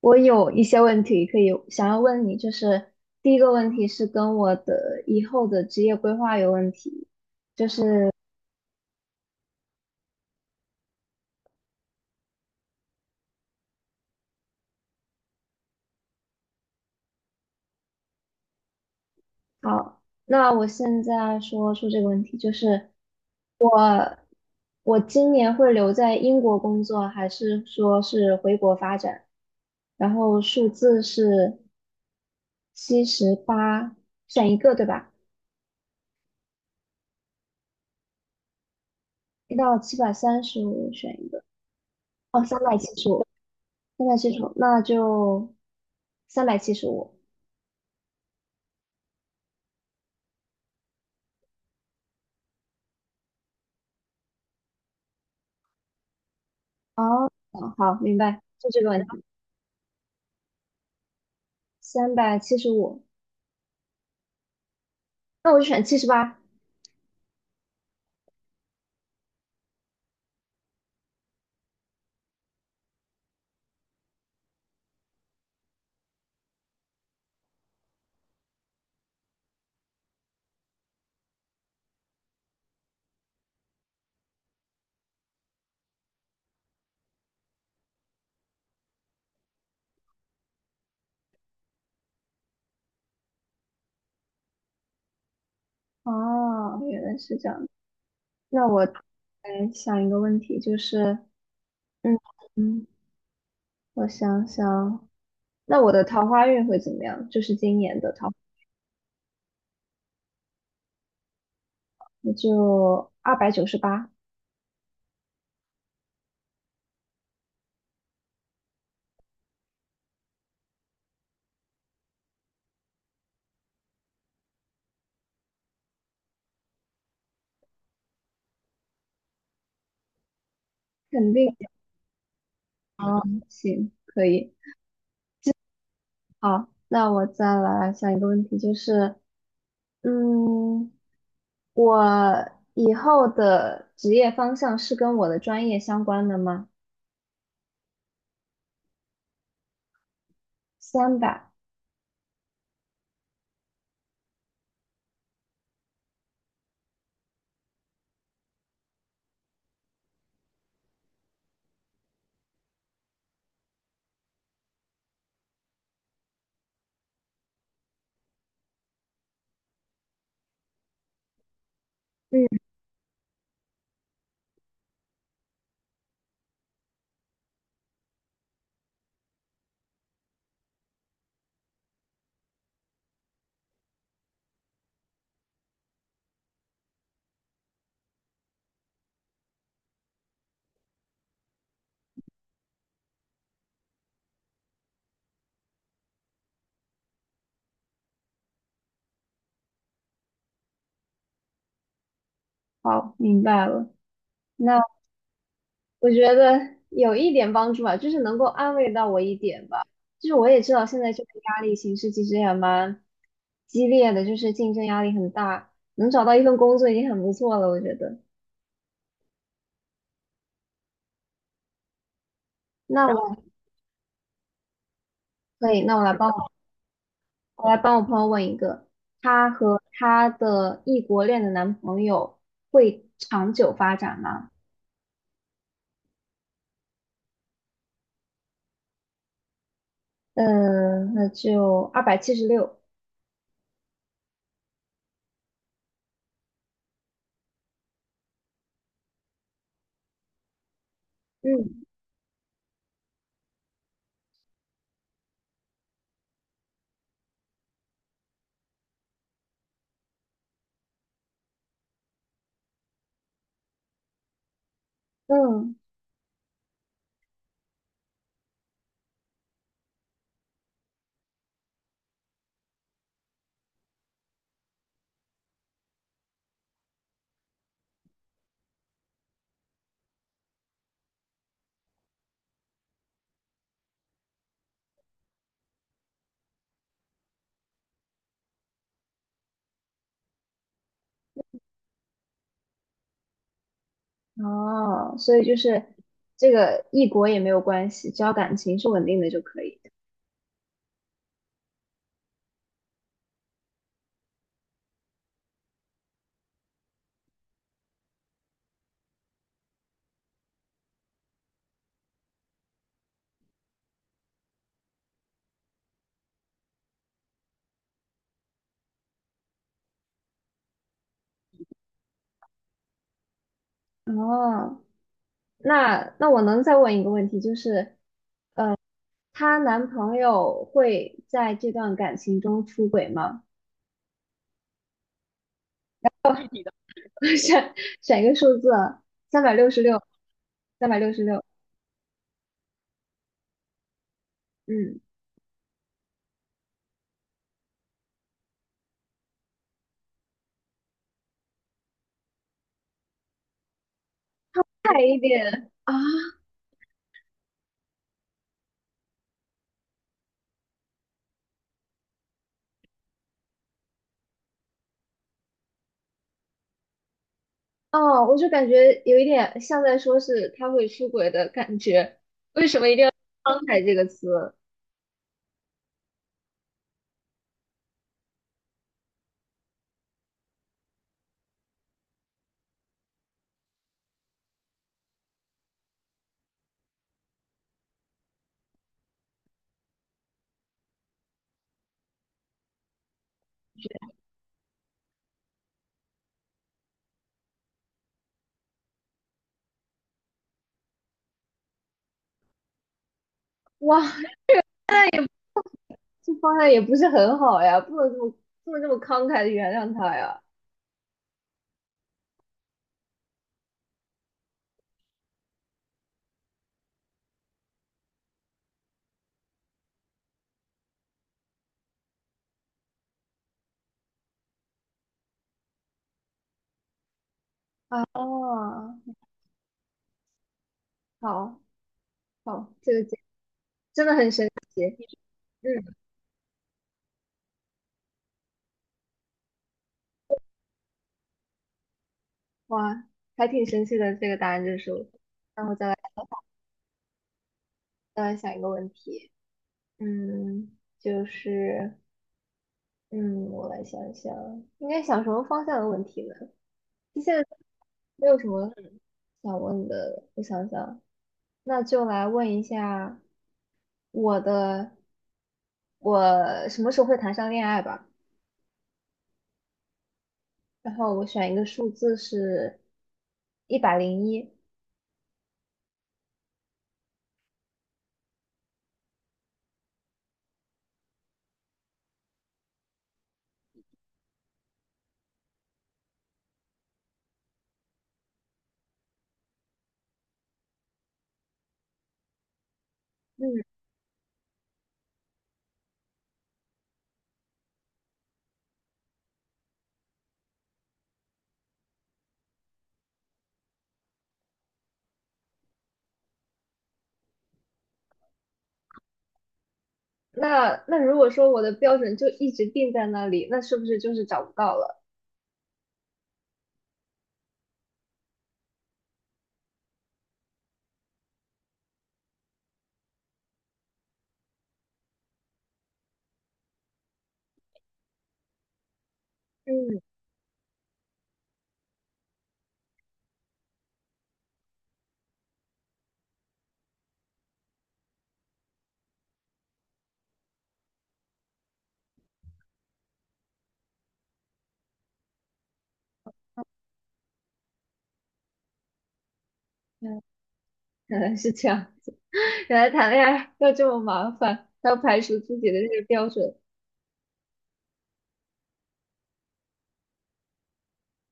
我有一些问题可以想要问你，就是第一个问题是跟我的以后的职业规划有问题。好，那我现在说出这个问题，就是我今年会留在英国工作，还是说是回国发展？然后数字是七十八，选一个对吧？一到735选一个。哦，三百七十五，三百七十五，那就三百七十五。哦，好，明白，就这个问题。三百七十五，那我就选七十八。哦，原来是这样。那我来想一个问题，就是，嗯嗯，我想想，那我的桃花运会怎么样？就是今年的桃，那就298，肯定啊，行，可以。好，那我再来想一个问题，就是，嗯，我以后的职业方向是跟我的专业相关的吗？三百。嗯，好，明白了。那我觉得有一点帮助吧，就是能够安慰到我一点吧。就是我也知道现在这个压力形势其实也蛮激烈的，就是竞争压力很大，能找到一份工作已经很不错了，我觉得。那我可以，那我来帮我，我来帮我朋友问一个，她和她的异国恋的男朋友会长久发展吗？那就276。嗯嗯。哦，所以就是这个异国也没有关系，只要感情是稳定的就可以。哦，那我能再问一个问题，就是她男朋友会在这段感情中出轨吗？选选一个数字啊，三百六十六，三百六十六。嗯，快一点啊！哦，我就感觉有一点像在说是他会出轨的感觉，为什么一定要慷慨这个词？哇！那也。这方向也不是很好呀，不能这么慷慨的原谅他呀。哦，好，好，这个解真的很神奇。嗯，哇，还挺神奇的这个答案之书。然后再来想一个问题，就是嗯，我来想一想，应该想什么方向的问题呢？现在没有什么想问的，我想想，那就来问一下我的，我什么时候会谈上恋爱吧？然后我选一个数字是101。嗯，那如果说我的标准就一直定在那里，那是不是就是找不到了？嗯，嗯原来是这样。原来谈恋爱要这么麻烦，要排除自己的这个标准。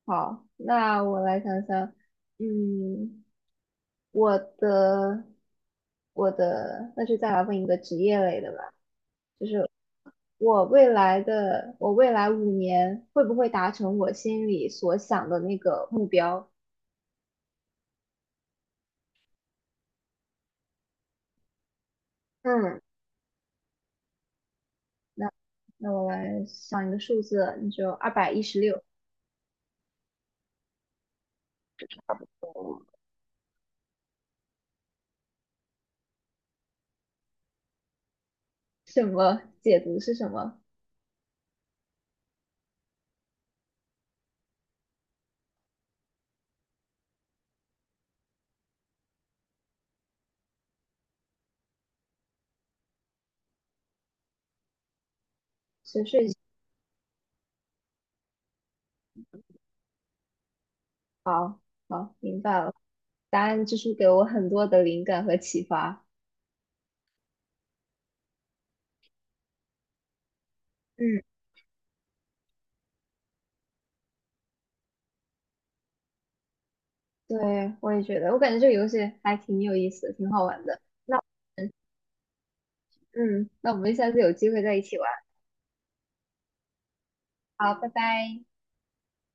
好，那我来想想，嗯，我的我的,那就再来问一个职业类的吧。就是我未来5年会不会达成我心里所想的那个目标？嗯，那我来想一个数字，你就216，什么解读是什么？是睡前好，好，明白了。答案之书给我很多的灵感和启发。嗯对，我也觉得，我感觉这个游戏还挺有意思，挺好玩的。那我们下次有机会再一起玩。好，拜拜。